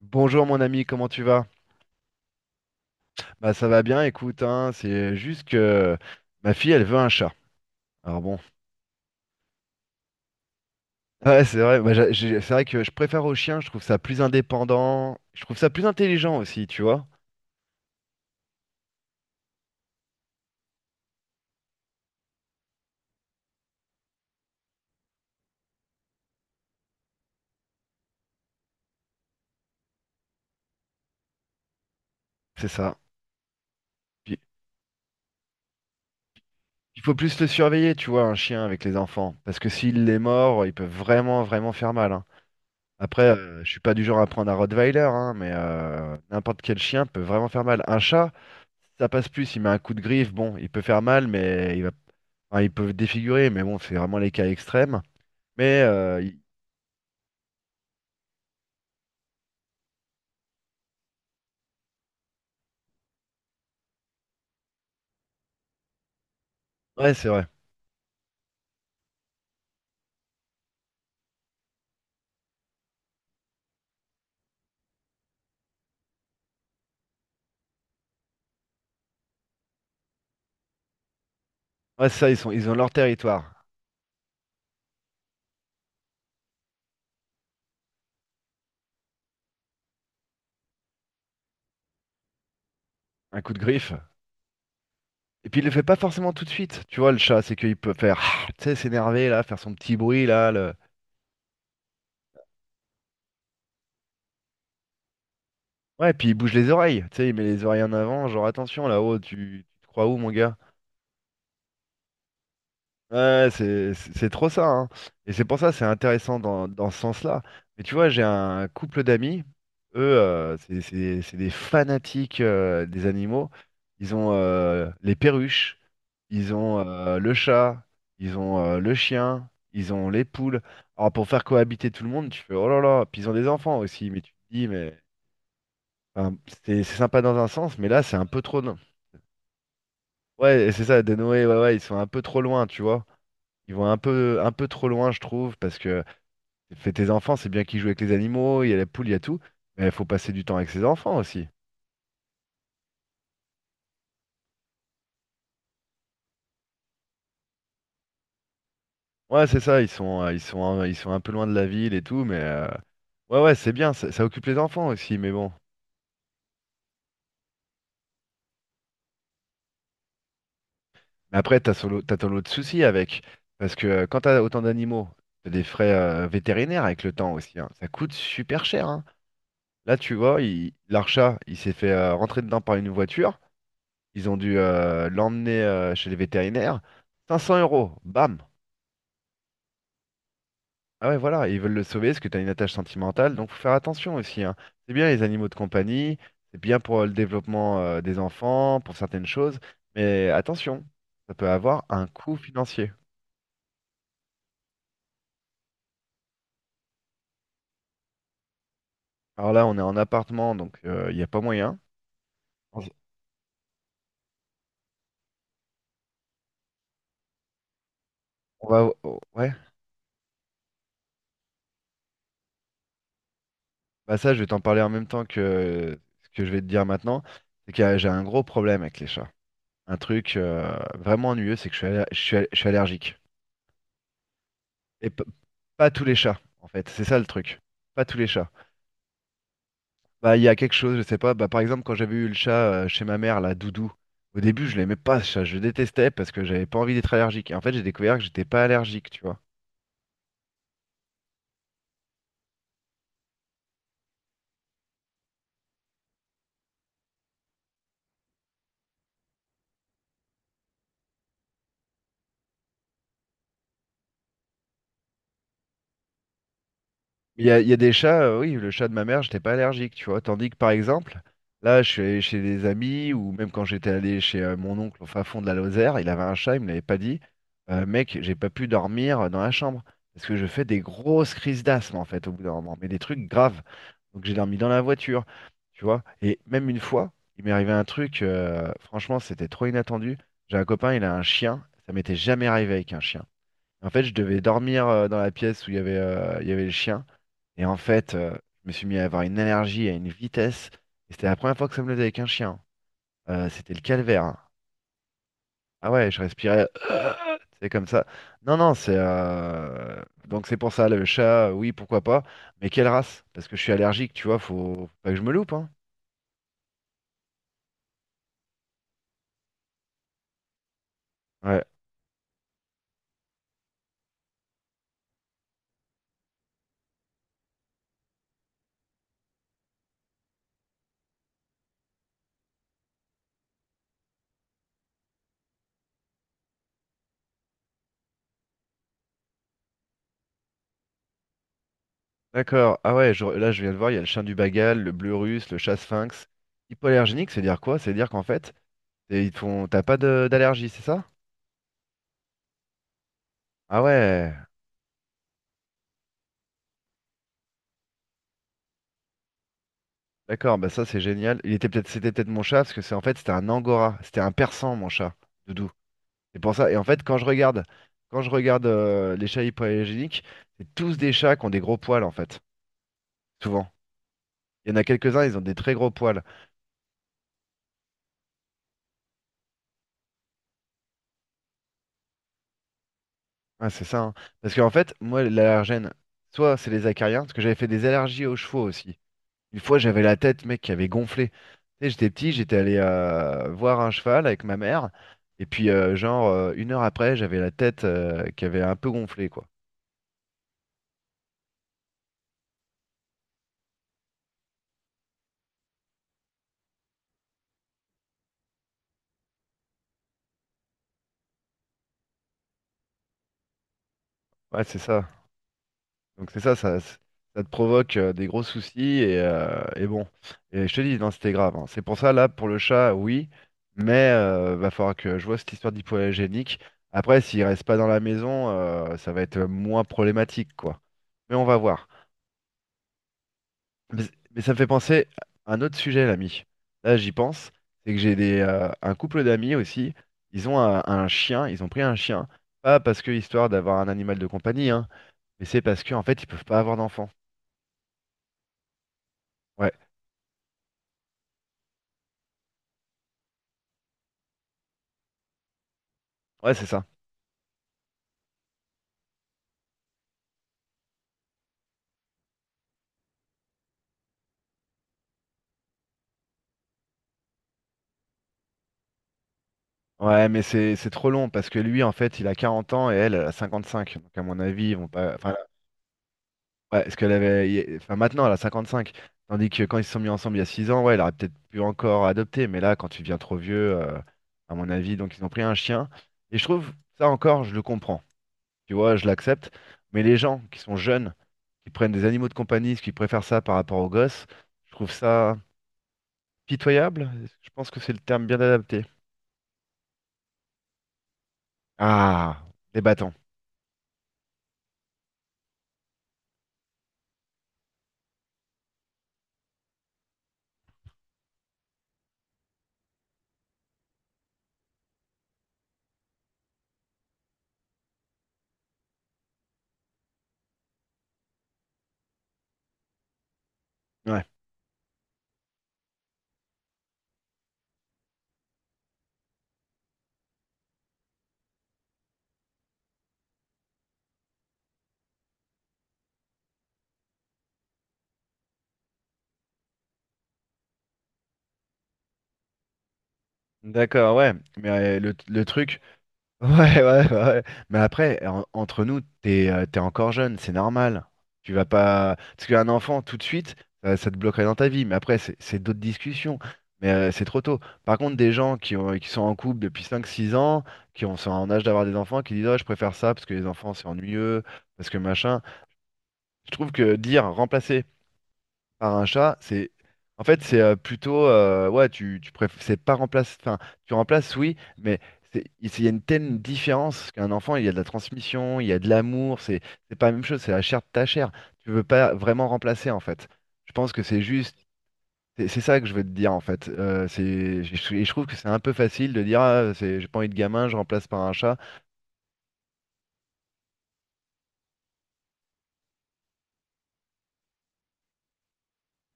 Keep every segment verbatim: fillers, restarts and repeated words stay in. Bonjour mon ami, comment tu vas? Bah ça va bien, écoute, hein, c'est juste que ma fille elle veut un chat. Alors bon, ouais c'est vrai, bah, j'a- j'ai- c'est vrai que je préfère au chien, je trouve ça plus indépendant, je trouve ça plus intelligent aussi, tu vois, c'est ça. Puis, il faut plus le surveiller, tu vois, un chien avec les enfants, parce que s'il est mort, il peut vraiment vraiment faire mal, hein. Après, euh, je suis pas du genre à prendre un Rottweiler, hein, mais euh, n'importe quel chien peut vraiment faire mal. Un chat, ça passe plus, il met un coup de griffe, bon, il peut faire mal, mais il va. Enfin, ils peuvent défigurer, mais bon, c'est vraiment les cas extrêmes. Mais euh, ils- ouais, c'est vrai. Ouais, c'est ça, ils sont, ils ont leur territoire. Un coup de griffe. Et puis il le fait pas forcément tout de suite. Tu vois, le chat, c'est qu'il peut faire, ah tu sais, s'énerver là, faire son petit bruit là. Le... Ouais, puis il bouge les oreilles. Tu sais, il met les oreilles en avant, genre attention là-haut, tu, tu te crois où, mon gars? Ouais, c'est c'est- c'est trop ça, hein. Et c'est pour ça, c'est intéressant dans, dans ce sens-là. Mais tu vois, j'ai un couple d'amis, eux, euh, c'est c'est- c'est des fanatiques euh, des animaux. Ils ont euh, les perruches, ils ont euh, le chat, ils ont euh, le chien, ils ont les poules. Alors pour faire cohabiter tout le monde, tu fais oh là là, puis ils ont des enfants aussi, mais tu te dis, mais enfin, c'est c'est sympa dans un sens, mais là, c'est un peu trop, non. Ouais, c'est ça, des Noé, ouais, ouais, ils sont un peu trop loin, tu vois. Ils vont un peu, un peu trop loin, je trouve, parce que fais tes enfants, c'est bien qu'ils jouent avec les animaux, il y a la poule, il y a tout, mais il faut passer du temps avec ses enfants aussi. Ouais, c'est ça, ils sont, euh, ils sont, un- ils sont un peu loin de la ville et tout, mais euh, ouais, ouais, c'est bien, ça, ça occupe les enfants aussi, mais bon. Mais après, t'as solo, t'as ton lot de soucis avec, parce que euh, quand t'as autant d'animaux, t'as des frais euh, vétérinaires avec le temps aussi, hein. Ça coûte super cher, hein. Là, tu vois, il- l'archat, il s'est fait euh, rentrer dedans par une voiture. Ils ont dû euh, l'emmener euh, chez les vétérinaires. cinq cents euros, bam. Ah ouais, voilà, ils veulent le sauver parce que tu as une attache sentimentale, donc faut faire attention aussi, hein. C'est bien les animaux de compagnie, c'est bien pour euh, le développement euh, des enfants, pour certaines choses, mais attention, ça peut avoir un coût financier. Alors là, on est en appartement, donc euh, il n'y a pas moyen. On on va, oh, ouais, bah ça, je vais t'en parler en même temps que ce que je vais te dire maintenant, c'est que euh, j'ai un gros problème avec les chats. Un truc euh, vraiment ennuyeux, c'est que je suis, aller- je suis, je suis allergique. Et p- pas tous les chats, en fait. C'est ça le truc. Pas tous les chats. Bah, il y a quelque chose, je sais pas. Bah, par exemple, quand j'avais eu le chat euh, chez ma mère, là, Doudou, au début, je l'aimais pas, ce chat. Je le détestais parce que j'avais pas envie d'être allergique. Et en fait, j'ai découvert que j'étais pas allergique, tu vois. Il y a, il y a des chats, euh, oui, le chat de ma mère, j'étais pas allergique, tu vois. Tandis que par exemple, là, je suis allé chez des amis, ou même quand j'étais allé chez euh, mon oncle au fin fond de la Lozère, il avait un chat, il me l'avait pas dit. Euh, mec, j'ai pas pu dormir euh, dans la chambre. Parce que je fais des grosses crises d'asthme, en fait, au bout d'un moment, mais des trucs graves. Donc j'ai dormi dans la voiture, tu vois. Et même une fois, il m'est arrivé un truc, euh, franchement, c'était trop inattendu. J'ai un copain, il a un chien. Ça m'était jamais arrivé avec un chien. En fait, je devais dormir euh, dans la pièce où il y avait, euh, il y avait le chien. Et en fait, euh, je me suis mis à avoir une allergie à une vitesse. Et c'était la première fois que ça me le faisait avec un chien. Euh, c'était le calvaire, hein. Ah ouais, je respirais. C'est comme ça. Non, non, c'est. euh, Donc c'est pour ça, le chat, euh, oui, pourquoi pas. Mais quelle race? Parce que je suis allergique, tu vois, faut, faut pas que je me loupe, hein. Ouais, d'accord. Ah ouais, je- là, je viens de voir, il y a le chien du Bagal, le bleu russe, le chat sphinx. Hypoallergénique, c'est dire quoi? C'est dire qu'en fait, t'es- ils te font... t'as pas de- d'allergie, c'est ça? Ah ouais, d'accord, bah ça c'est génial. Il était peut-être, c'était peut-être mon chat, parce que c'est en fait c'était un angora, c'était un persan mon chat, Doudou. C'est pour ça. Et en fait quand je regarde, quand je regarde euh, les chats hypoallergéniques, c'est tous des chats qui ont des gros poils en fait, souvent. Il y en a quelques-uns, ils ont des très gros poils. Ah, c'est ça, hein. Parce qu'en fait, moi l'allergène, soit c'est les acariens, parce que j'avais fait des allergies aux chevaux aussi. Une fois, j'avais la tête, mec, qui avait gonflé. Tu sais, j'étais petit, j'étais allé euh, voir un cheval avec ma mère. Et puis, euh, genre, euh, une heure après, j'avais la tête euh, qui avait un peu gonflé, quoi. Ouais, c'est ça. Donc, c'est ça, ça, c- ça te provoque euh, des gros soucis. Et, euh, et bon. Et je te dis, non, c'était grave, hein. C'est pour ça, là, pour le chat, oui. Mais euh, va falloir que je vois cette histoire d'hypoallergénique. Après, s'il reste pas dans la maison, euh, ça va être euh, moins problématique, quoi. Mais on va voir. Mais, mais ça me fait penser à un autre sujet, l'ami. Là, j'y pense. C'est que j'ai des, euh, un couple d'amis aussi. Ils ont un, un chien. Ils ont pris un chien. Pas parce que histoire d'avoir un animal de compagnie, hein, mais c'est parce que en fait, ils peuvent pas avoir d'enfant. Ouais, ouais, c'est ça. Ouais, mais c'est c'est trop long parce que lui, en fait, il a quarante ans et elle, elle a cinq. Donc, à mon avis, ils vont pas. Enfin, ouais, parce qu'elle avait. il- Enfin, maintenant, elle a cinquante-cinq. Tandis que quand ils se sont mis ensemble il y a six ans, ouais, elle aurait peut-être pu encore adopter. Mais là, quand tu deviens trop vieux, euh, à mon avis, donc ils ont pris un chien. Et je trouve, ça encore, je le comprends. Tu vois, je l'accepte. Mais les gens qui sont jeunes, qui prennent des animaux de compagnie, qui préfèrent ça par rapport aux gosses, je trouve ça pitoyable. Je pense que c'est le terme bien adapté. Ah, les bâtons. Ouais. D'accord, ouais. Mais euh, le, le truc. Ouais, ouais, ouais, ouais. Mais après, en- entre nous, t'es, euh, t'es encore jeune, c'est normal. Tu vas pas. Parce qu'un enfant, tout de suite, ça, ça te bloquerait dans ta vie. Mais après, c'est c'est d'autres discussions. Mais euh, c'est trop tôt. Par contre, des gens qui ont, qui sont en couple depuis cinq, six ans, qui ont, sont en âge d'avoir des enfants, qui disent, oh, je préfère ça parce que les enfants, c'est ennuyeux, parce que machin. Je trouve que dire remplacer par un chat, c'est en fait c'est euh, plutôt euh, ouais tu tu préf- c'est pas remplace, enfin tu remplaces oui mais c'est il c'est- il y a une telle différence parce qu'un enfant il y a de la transmission il y a de l'amour, c'est c'est pas la même chose, c'est la chair de ta chair, tu veux pas vraiment remplacer en fait, je pense que c'est juste, c'est c'est ça que je veux te dire en fait. Euh, c'est je, et je trouve que c'est un peu facile de dire ah, c'est j'ai pas envie de gamin je remplace par un chat.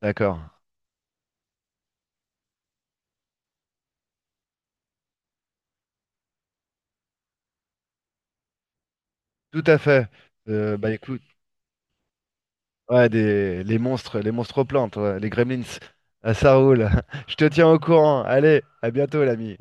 D'accord, tout à fait. Euh, bah écoute, ouais, des... les monstres, les monstres plantes, ouais, les gremlins. Ah, ça roule. Je te tiens au courant. Allez, à bientôt, l'ami.